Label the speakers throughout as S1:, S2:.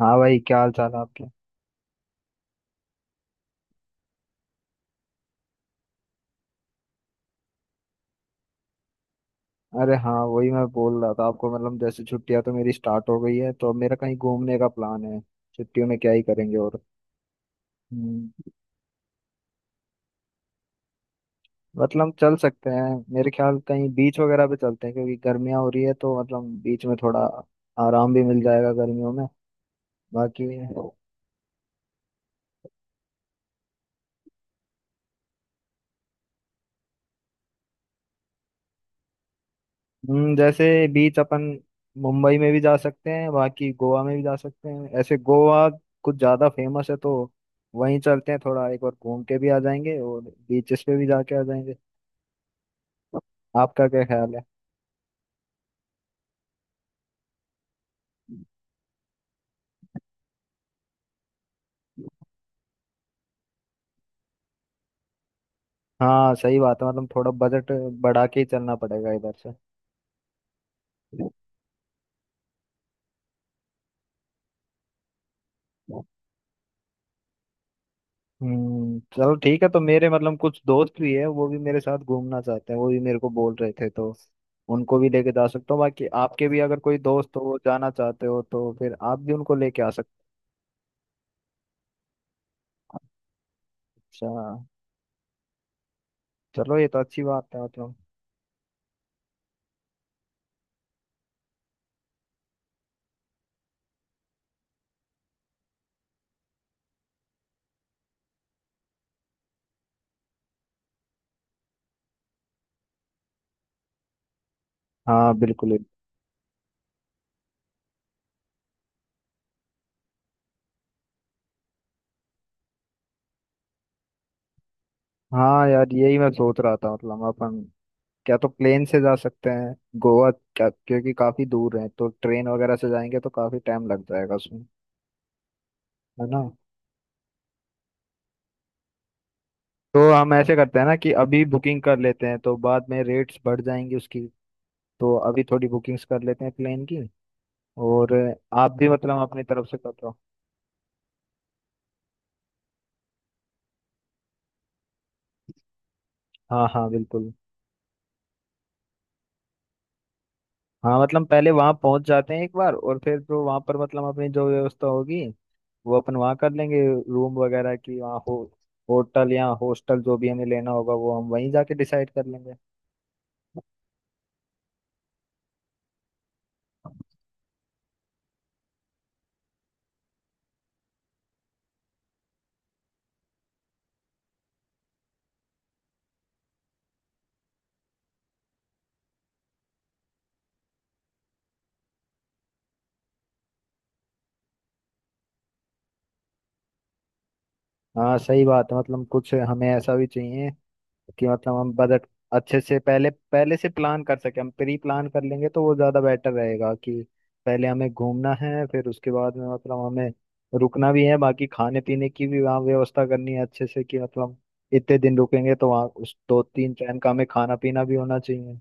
S1: हाँ भाई, क्या हाल चाल है आपके। अरे हाँ, वही मैं बोल रहा था आपको, मतलब जैसे छुट्टियां तो मेरी स्टार्ट हो गई है, तो अब मेरा कहीं घूमने का प्लान है। छुट्टियों में क्या ही करेंगे और। हम्म। मतलब चल सकते हैं, मेरे ख्याल कहीं बीच वगैरह पे चलते हैं, क्योंकि गर्मियाँ हो रही है, तो मतलब बीच में थोड़ा आराम भी मिल जाएगा गर्मियों में। बाकी। जैसे बीच अपन मुंबई में भी जा सकते हैं, बाकी गोवा में भी जा सकते हैं। ऐसे गोवा कुछ ज्यादा फेमस है, तो वहीं चलते हैं, थोड़ा एक बार घूम के भी आ जाएंगे और बीचेस पे भी जाके आ जाएंगे। आपका क्या ख्याल है। हाँ सही बात है, मतलब थोड़ा बजट बढ़ा के ही चलना पड़ेगा इधर से। चलो ठीक है, तो मेरे मतलब कुछ दोस्त भी है, वो भी मेरे साथ घूमना चाहते हैं, वो भी मेरे को बोल रहे थे, तो उनको भी लेके जा सकता हूँ। बाकी आपके भी अगर कोई दोस्त हो, वो जाना चाहते हो, तो फिर आप भी उनको लेके आ सकते हो। अच्छा चलो, ये तो अच्छी बात है मतलब। हाँ बिल्कुल बिल्कुल। हाँ यार, यही मैं सोच रहा था, मतलब अपन क्या तो प्लेन से जा सकते हैं गोवा, क्या क्योंकि काफी दूर है, तो ट्रेन वगैरह से जाएंगे तो काफी टाइम लग जाएगा उसमें, है ना। तो हम ऐसे करते हैं ना, कि अभी बुकिंग कर लेते हैं, तो बाद में रेट्स बढ़ जाएंगी उसकी, तो अभी थोड़ी बुकिंग्स कर लेते हैं प्लेन की। और आप भी मतलब अपनी तरफ से कर दो। हाँ हाँ बिल्कुल। हाँ मतलब पहले वहाँ पहुँच जाते हैं एक बार, और फिर जो वहाँ पर मतलब अपनी जो व्यवस्था होगी वो अपन वहाँ कर लेंगे। रूम वगैरह की वहाँ हो, होटल या हॉस्टल जो भी हमें लेना होगा वो हम वहीं जाके डिसाइड कर लेंगे। हाँ सही बात है, मतलब कुछ हमें ऐसा भी चाहिए कि मतलब हम बजट अच्छे से पहले पहले से प्लान कर सके, हम प्री प्लान कर लेंगे तो वो ज़्यादा बेटर रहेगा। कि पहले हमें घूमना है, फिर उसके बाद में मतलब हमें रुकना भी है, बाकी खाने पीने की भी वहाँ व्यवस्था करनी है अच्छे से, कि मतलब इतने दिन रुकेंगे तो वहाँ उस दो तीन टाइम का हमें खाना पीना भी होना चाहिए।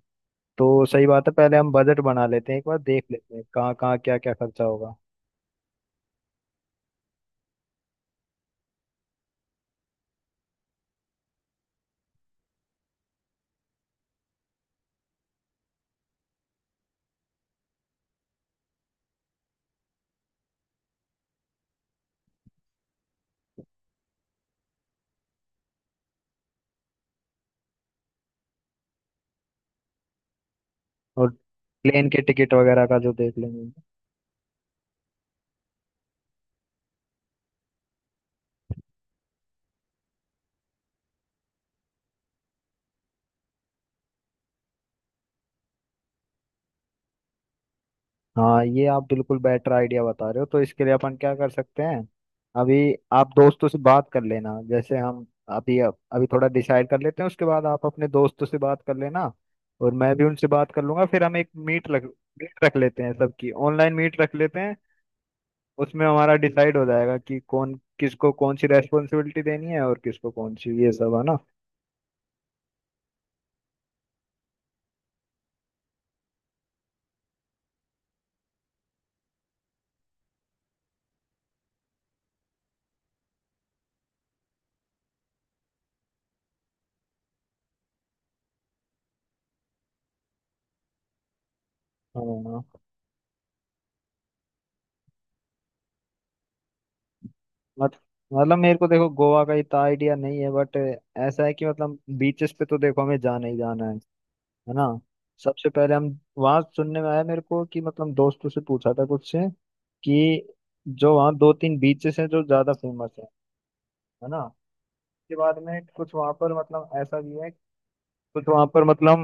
S1: तो सही बात है, पहले हम बजट बना लेते हैं, एक बार देख लेते हैं कहाँ कहाँ क्या क्या खर्चा होगा और प्लेन के टिकट वगैरह का जो, देख लेंगे। हाँ ये आप बिल्कुल बेटर आइडिया बता रहे हो, तो इसके लिए अपन क्या कर सकते हैं, अभी आप दोस्तों से बात कर लेना, जैसे हम अभी अभी थोड़ा डिसाइड कर लेते हैं, उसके बाद आप अपने दोस्तों से बात कर लेना और मैं भी उनसे बात कर लूंगा। फिर हम एक मीट रख लेते हैं, सबकी ऑनलाइन मीट रख लेते हैं। उसमें हमारा डिसाइड हो जाएगा कि कौन किसको कौन सी रेस्पॉन्सिबिलिटी देनी है और किसको कौन सी, ये सब, है ना। हाँ। मत- मतलब मेरे को देखो, गोवा का इतना आइडिया नहीं है, बट ऐसा है कि मतलब बीचेस पे तो देखो हमें जाना ही जाना है ना। सबसे पहले हम वहां, सुनने में आया मेरे को कि, मतलब दोस्तों से पूछा था कुछ से, कि जो वहाँ दो तीन बीचेस हैं जो ज्यादा फेमस हैं, है ना। उसके बाद में कुछ वहाँ पर मतलब ऐसा भी है, कुछ वहाँ पर मतलब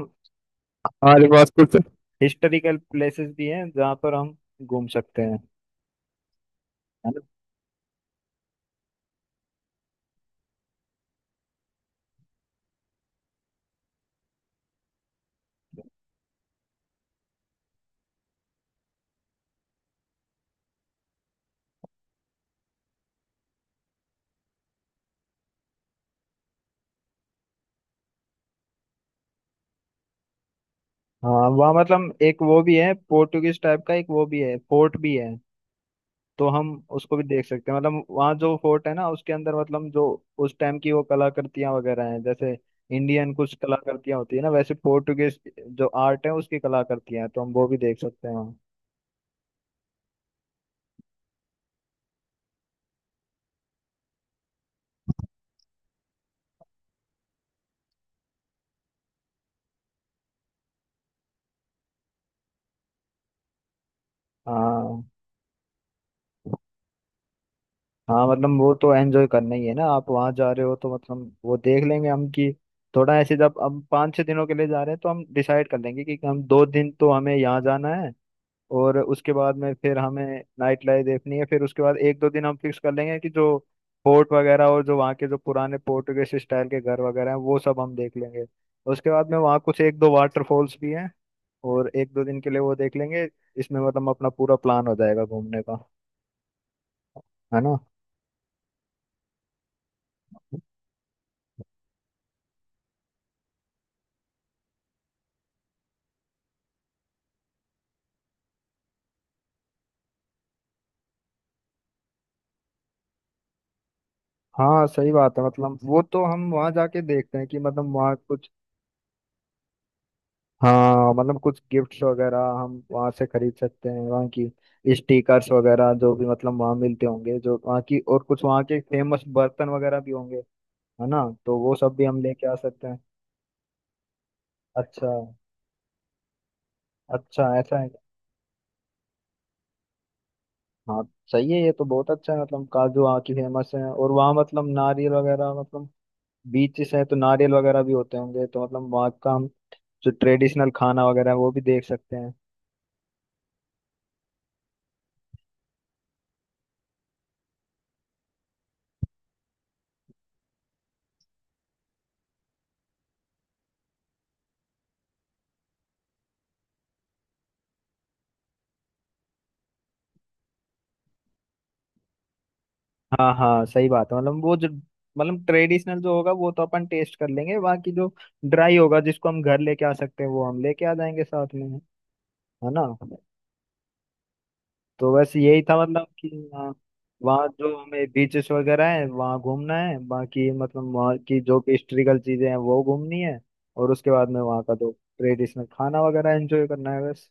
S1: हमारे पास कुछ हिस्टोरिकल प्लेसेस भी हैं जहाँ पर हम घूम सकते हैं, है ना। हाँ वहाँ मतलब एक वो भी है, पोर्टुगीज टाइप का एक वो भी है, फोर्ट भी है। तो हम उसको भी देख सकते हैं, मतलब वहाँ जो फोर्ट है ना, उसके अंदर मतलब जो उस टाइम की वो कलाकृतियां वगैरह हैं, जैसे इंडियन कुछ कलाकृतियां होती है ना, वैसे पोर्टुगेज जो आर्ट है उसकी कलाकृतियां हैं, तो हम वो भी देख सकते हैं। हाँ हाँ, मतलब वो तो एंजॉय करना ही है ना, आप वहाँ जा रहे हो तो मतलब वो देख लेंगे हम, कि थोड़ा ऐसे जब हम पाँच छः दिनों के लिए जा रहे हैं, तो हम डिसाइड कर लेंगे कि हम दो दिन तो हमें यहाँ जाना है और उसके बाद में फिर हमें नाइट लाइफ देखनी है। फिर उसके बाद एक दो दिन हम फिक्स कर लेंगे कि जो फोर्ट वगैरह और जो वहाँ के जो पुराने पोर्टुगेज स्टाइल के घर वगैरह हैं वो सब हम देख लेंगे। उसके बाद में वहाँ कुछ एक दो वाटरफॉल्स भी हैं और एक दो दिन के लिए वो देख लेंगे। इसमें मतलब अपना पूरा प्लान हो जाएगा घूमने का, है ना। हाँ सही बात है, मतलब वो तो हम वहाँ जाके देखते हैं कि मतलब वहाँ कुछ। हाँ मतलब कुछ गिफ्ट्स वगैरह हम वहाँ से खरीद सकते हैं, वहाँ की स्टिकर्स वगैरह जो भी मतलब वहाँ मिलते होंगे जो वहाँ की, और कुछ वहाँ के फेमस बर्तन वगैरह भी होंगे, है ना। तो वो सब भी हम लेके आ सकते हैं। अच्छा, अच्छा ऐसा है। हाँ सही है, ये तो बहुत अच्छा है। मतलब काजू वहाँ की फेमस है, और वहाँ मतलब नारियल वगैरह, मतलब बीचेस है तो नारियल वगैरह भी होते होंगे, तो मतलब वहाँ का हम जो ट्रेडिशनल खाना वगैरह है वो भी देख सकते हैं। हाँ हाँ सही बात है, मतलब वो जो, मतलब ट्रेडिशनल जो होगा वो तो अपन टेस्ट कर लेंगे, बाकी जो ड्राई होगा जिसको हम घर लेके आ सकते हैं वो हम लेके आ जाएंगे साथ में, है ना। तो बस यही था मतलब कि, हाँ, वहाँ जो हमें बीचेस वगैरह है वहाँ घूमना है, बाकी मतलब वहाँ की जो भी हिस्ट्रिकल चीजें हैं वो घूमनी है, और उसके बाद में वहाँ का जो ट्रेडिशनल खाना वगैरह एंजॉय करना है, बस।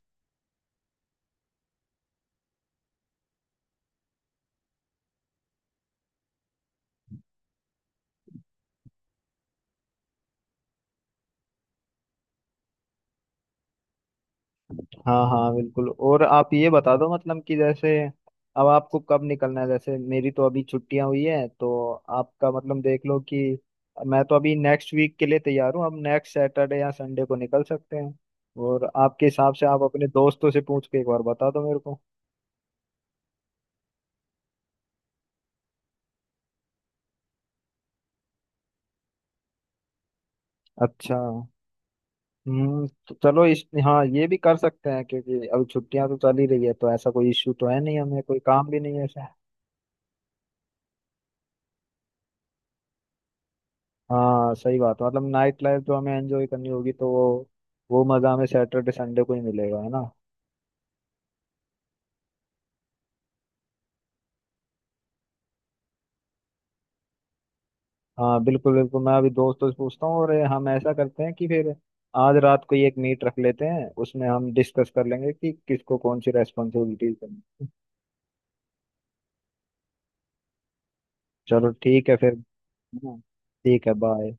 S1: हाँ हाँ बिल्कुल। और आप ये बता दो मतलब, कि जैसे अब आपको कब निकलना है, जैसे मेरी तो अभी छुट्टियां हुई है, तो आपका मतलब देख लो कि, मैं तो अभी नेक्स्ट वीक के लिए तैयार हूँ। अब नेक्स्ट सैटरडे या संडे को निकल सकते हैं, और आपके हिसाब से आप अपने दोस्तों से पूछ के एक बार बता दो मेरे को। अच्छा। हम्म, तो चलो इस, हाँ ये भी कर सकते हैं, क्योंकि अब छुट्टियां तो चल ही रही है, तो ऐसा कोई इश्यू तो है नहीं, हमें कोई काम भी नहीं है ऐसा। हाँ सही बात है, मतलब नाइट लाइफ जो हमें एंजॉय करनी होगी, तो वो मज़ा हमें सैटरडे संडे को ही मिलेगा, है ना। हाँ बिल्कुल बिल्कुल, मैं अभी दोस्तों से पूछता हूँ, और हम ऐसा करते हैं कि फिर आज रात को ही एक मीट रख लेते हैं, उसमें हम डिस्कस कर लेंगे कि किसको कौन सी रेस्पॉन्सिबिलिटीज करनी है। चलो ठीक है फिर। है ना? ठीक है, बाय।